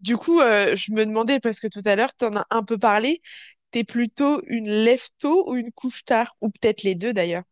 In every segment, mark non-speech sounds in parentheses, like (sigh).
Du coup, je me demandais, parce que tout à l'heure, tu en as un peu parlé, t'es plutôt une lève tôt ou une couche tard, ou peut-être les deux d'ailleurs.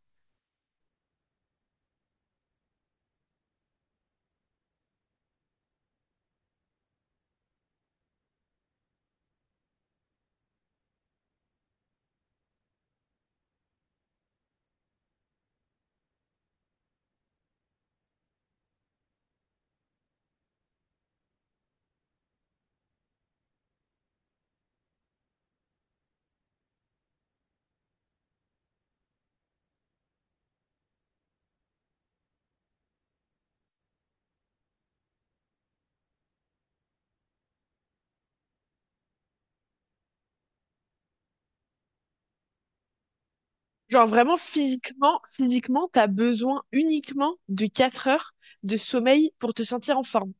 Genre vraiment physiquement, t'as besoin uniquement de 4 heures de sommeil pour te sentir en forme.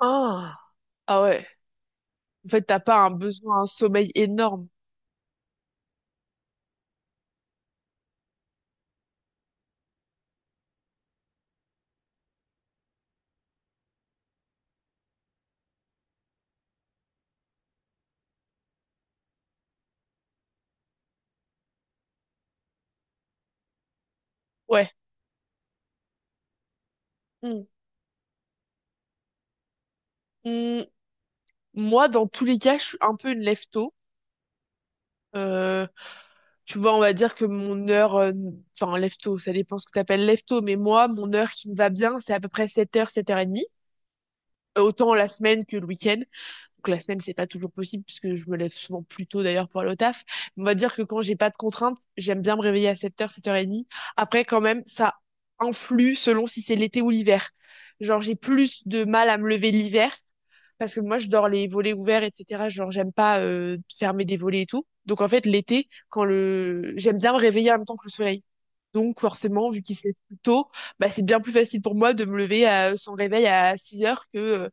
Ah, ah ouais. En fait, t'as pas un sommeil énorme. Ouais. Hmm. Hmm. Moi, dans tous les cas, je suis un peu une lève tôt. Tu vois, on va dire que mon heure, enfin, lève-tôt, ça dépend ce que t'appelles lève-tôt, mais moi, mon heure qui me va bien, c'est à peu près sept heures et demie. Autant la semaine que le week-end. Donc la semaine, c'est pas toujours possible puisque je me lève souvent plus tôt d'ailleurs pour aller au taf. On va dire que quand j'ai pas de contraintes, j'aime bien me réveiller à 7h, 7h30. Après, quand même, ça influe selon si c'est l'été ou l'hiver. Genre, j'ai plus de mal à me lever l'hiver parce que moi je dors les volets ouverts, etc. Genre j'aime pas fermer des volets et tout. Donc en fait l'été, quand le j'aime bien me réveiller en même temps que le soleil, donc forcément vu qu'il se lève plus tôt, bah c'est bien plus facile pour moi de me lever sans réveil à 6 heures que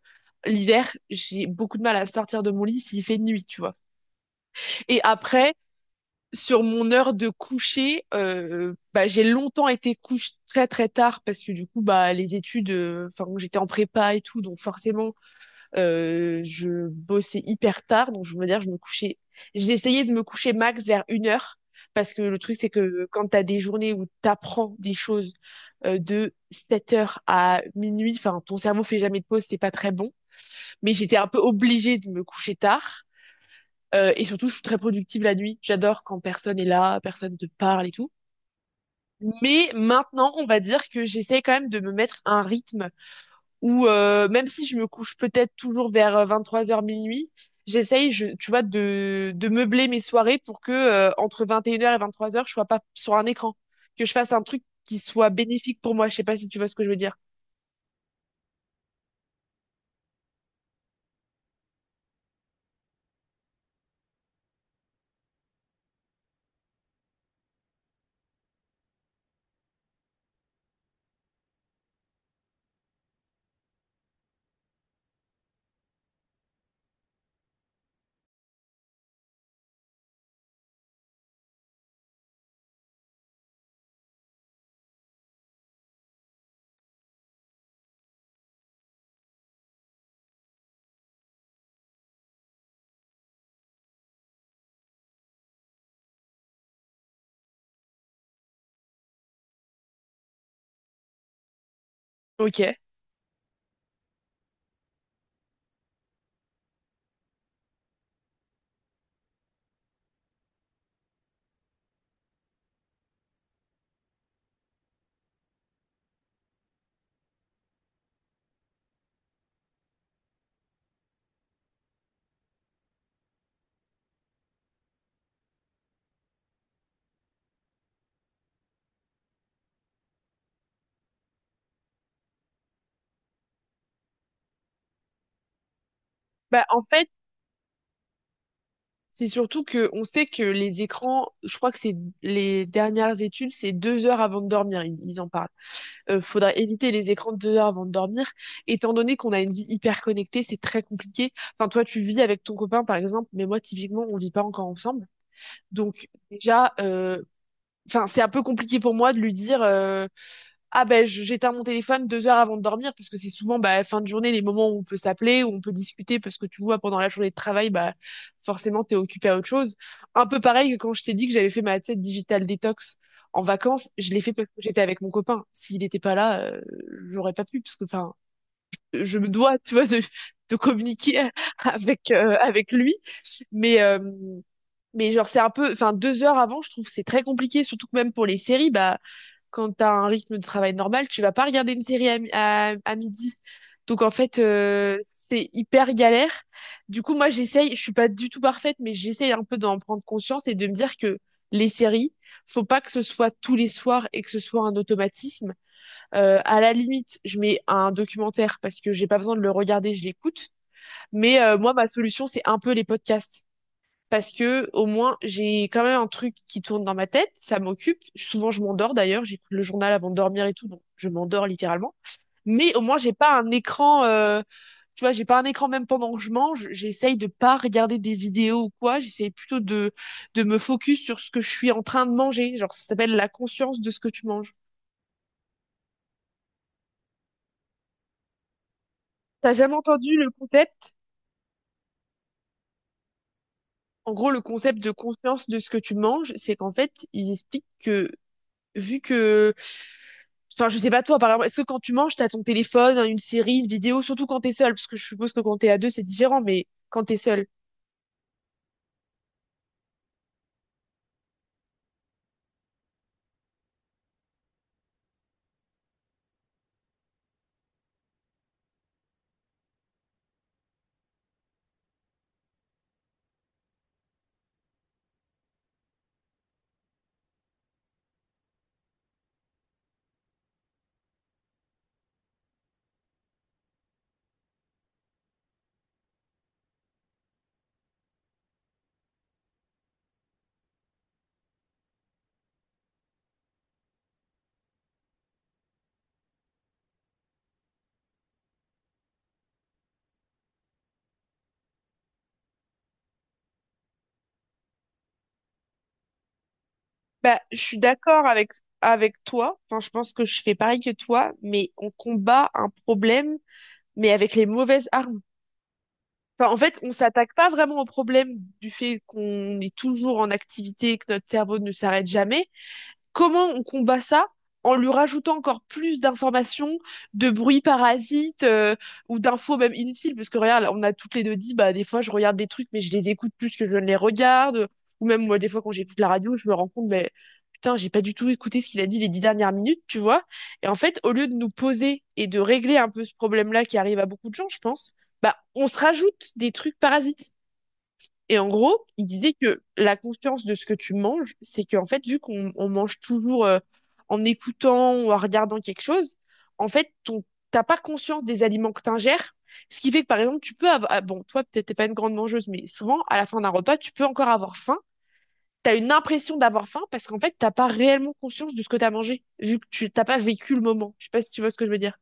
l'hiver. J'ai beaucoup de mal à sortir de mon lit s'il fait nuit, tu vois. Et après sur mon heure de coucher, bah j'ai longtemps été couche très très tard parce que du coup bah les études, enfin j'étais en prépa et tout, donc forcément je bossais hyper tard, donc je veux dire, je me couchais. J'essayais de me coucher max vers 1 heure, parce que le truc, c'est que quand t'as des journées où t'apprends des choses de 7 heures à minuit, enfin, ton cerveau fait jamais de pause, c'est pas très bon. Mais j'étais un peu obligée de me coucher tard. Et surtout, je suis très productive la nuit. J'adore quand personne est là, personne te parle et tout. Mais maintenant, on va dire que j'essaie quand même de me mettre un rythme ou même si je me couche peut-être toujours vers 23h minuit, j'essaye, je, tu vois, de meubler mes soirées pour que entre 21h et 23h, je sois pas sur un écran, que je fasse un truc qui soit bénéfique pour moi. Je sais pas si tu vois ce que je veux dire. Ok. Bah en fait, c'est surtout que on sait que les écrans, je crois que c'est les dernières études, c'est 2 heures avant de dormir, ils en parlent. Faudrait éviter les écrans 2 heures avant de dormir. Étant donné qu'on a une vie hyper connectée, c'est très compliqué. Enfin, toi, tu vis avec ton copain, par exemple, mais moi, typiquement, on vit pas encore ensemble. Donc, déjà, enfin, c'est un peu compliqué pour moi de lui dire, ah ben j'éteins mon téléphone 2 heures avant de dormir, parce que c'est souvent bah, fin de journée les moments où on peut s'appeler, où on peut discuter parce que tu vois pendant la journée de travail bah forcément t'es occupé à autre chose. Un peu pareil que quand je t'ai dit que j'avais fait ma, tu sais, digital détox en vacances, je l'ai fait parce que j'étais avec mon copain. S'il n'était pas là, j'aurais pas pu parce que enfin je me dois, tu vois, de communiquer (laughs) avec avec lui. Mais genre, c'est un peu, enfin, 2 heures avant, je trouve que c'est très compliqué, surtout que même pour les séries, bah, quand t'as un rythme de travail normal, tu vas pas regarder une série à midi. Donc, en fait, c'est hyper galère. Du coup, moi, j'essaye, je suis pas du tout parfaite, mais j'essaye un peu d'en prendre conscience et de me dire que les séries, faut pas que ce soit tous les soirs et que ce soit un automatisme. À la limite, je mets un documentaire parce que j'ai pas besoin de le regarder, je l'écoute. Mais moi, ma solution, c'est un peu les podcasts parce que au moins j'ai quand même un truc qui tourne dans ma tête, ça m'occupe. Souvent je m'endors d'ailleurs, j'écoute le journal avant de dormir et tout, donc je m'endors littéralement. Mais au moins j'ai pas un écran, tu vois, j'ai pas un écran même pendant que je mange. J'essaye de pas regarder des vidéos ou quoi. J'essaye plutôt de me focus sur ce que je suis en train de manger. Genre ça s'appelle la conscience de ce que tu manges. T'as jamais entendu le concept? En gros, le concept de conscience de ce que tu manges, c'est qu'en fait, il explique que vu que enfin, je sais pas toi, par exemple, est-ce que quand tu manges, t'as ton téléphone, une série, une vidéo, surtout quand t'es seul, parce que je suppose que quand t'es à deux, c'est différent, mais quand t'es seul. Bah, je suis d'accord avec toi. Enfin, je pense que je fais pareil que toi, mais on combat un problème, mais avec les mauvaises armes. Enfin, en fait, on s'attaque pas vraiment au problème du fait qu'on est toujours en activité, que notre cerveau ne s'arrête jamais. Comment on combat ça? En lui rajoutant encore plus d'informations, de bruits parasites, ou d'infos même inutiles? Parce que regarde, on a toutes les deux dit, bah des fois je regarde des trucs mais je les écoute plus que je ne les regarde. Ou même moi des fois quand j'écoute la radio, je me rends compte, mais putain, j'ai pas du tout écouté ce qu'il a dit les 10 dernières minutes, tu vois. Et en fait, au lieu de nous poser et de régler un peu ce problème-là qui arrive à beaucoup de gens, je pense, bah on se rajoute des trucs parasites. Et en gros, il disait que la conscience de ce que tu manges, c'est qu'en fait, vu qu'on on mange toujours en écoutant ou en regardant quelque chose, en fait, t'as pas conscience des aliments que t'ingères. Ce qui fait que, par exemple, tu peux avoir, ah, bon, toi, peut-être t'es pas une grande mangeuse, mais souvent, à la fin d'un repas, tu peux encore avoir faim. T'as une impression d'avoir faim parce qu'en fait, t'as pas réellement conscience de ce que t'as mangé, vu que tu t'as pas vécu le moment. Je sais pas si tu vois ce que je veux dire.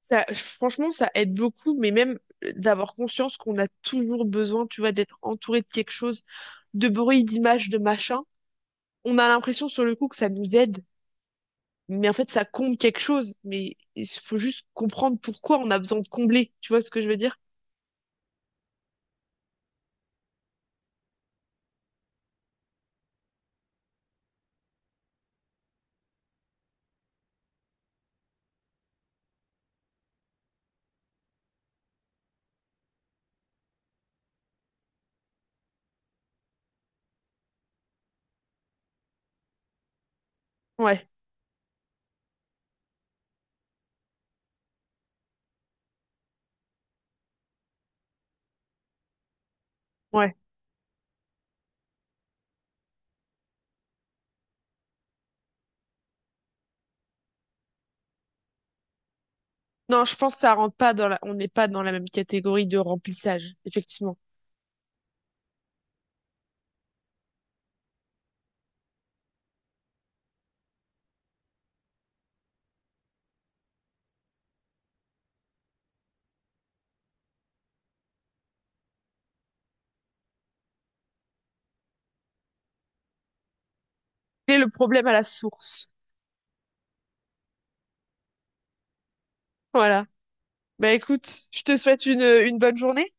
Ça, franchement, ça aide beaucoup, mais même d'avoir conscience qu'on a toujours besoin, tu vois, d'être entouré de quelque chose, de bruit, d'images, de machin. On a l'impression sur le coup que ça nous aide, mais en fait, ça comble quelque chose. Mais il faut juste comprendre pourquoi on a besoin de combler. Tu vois ce que je veux dire? Ouais, ouais. Non, je pense que ça rentre pas dans la... On n'est pas dans la même catégorie de remplissage, effectivement. C'est le problème à la source. Voilà. Bah écoute, je te souhaite une bonne journée.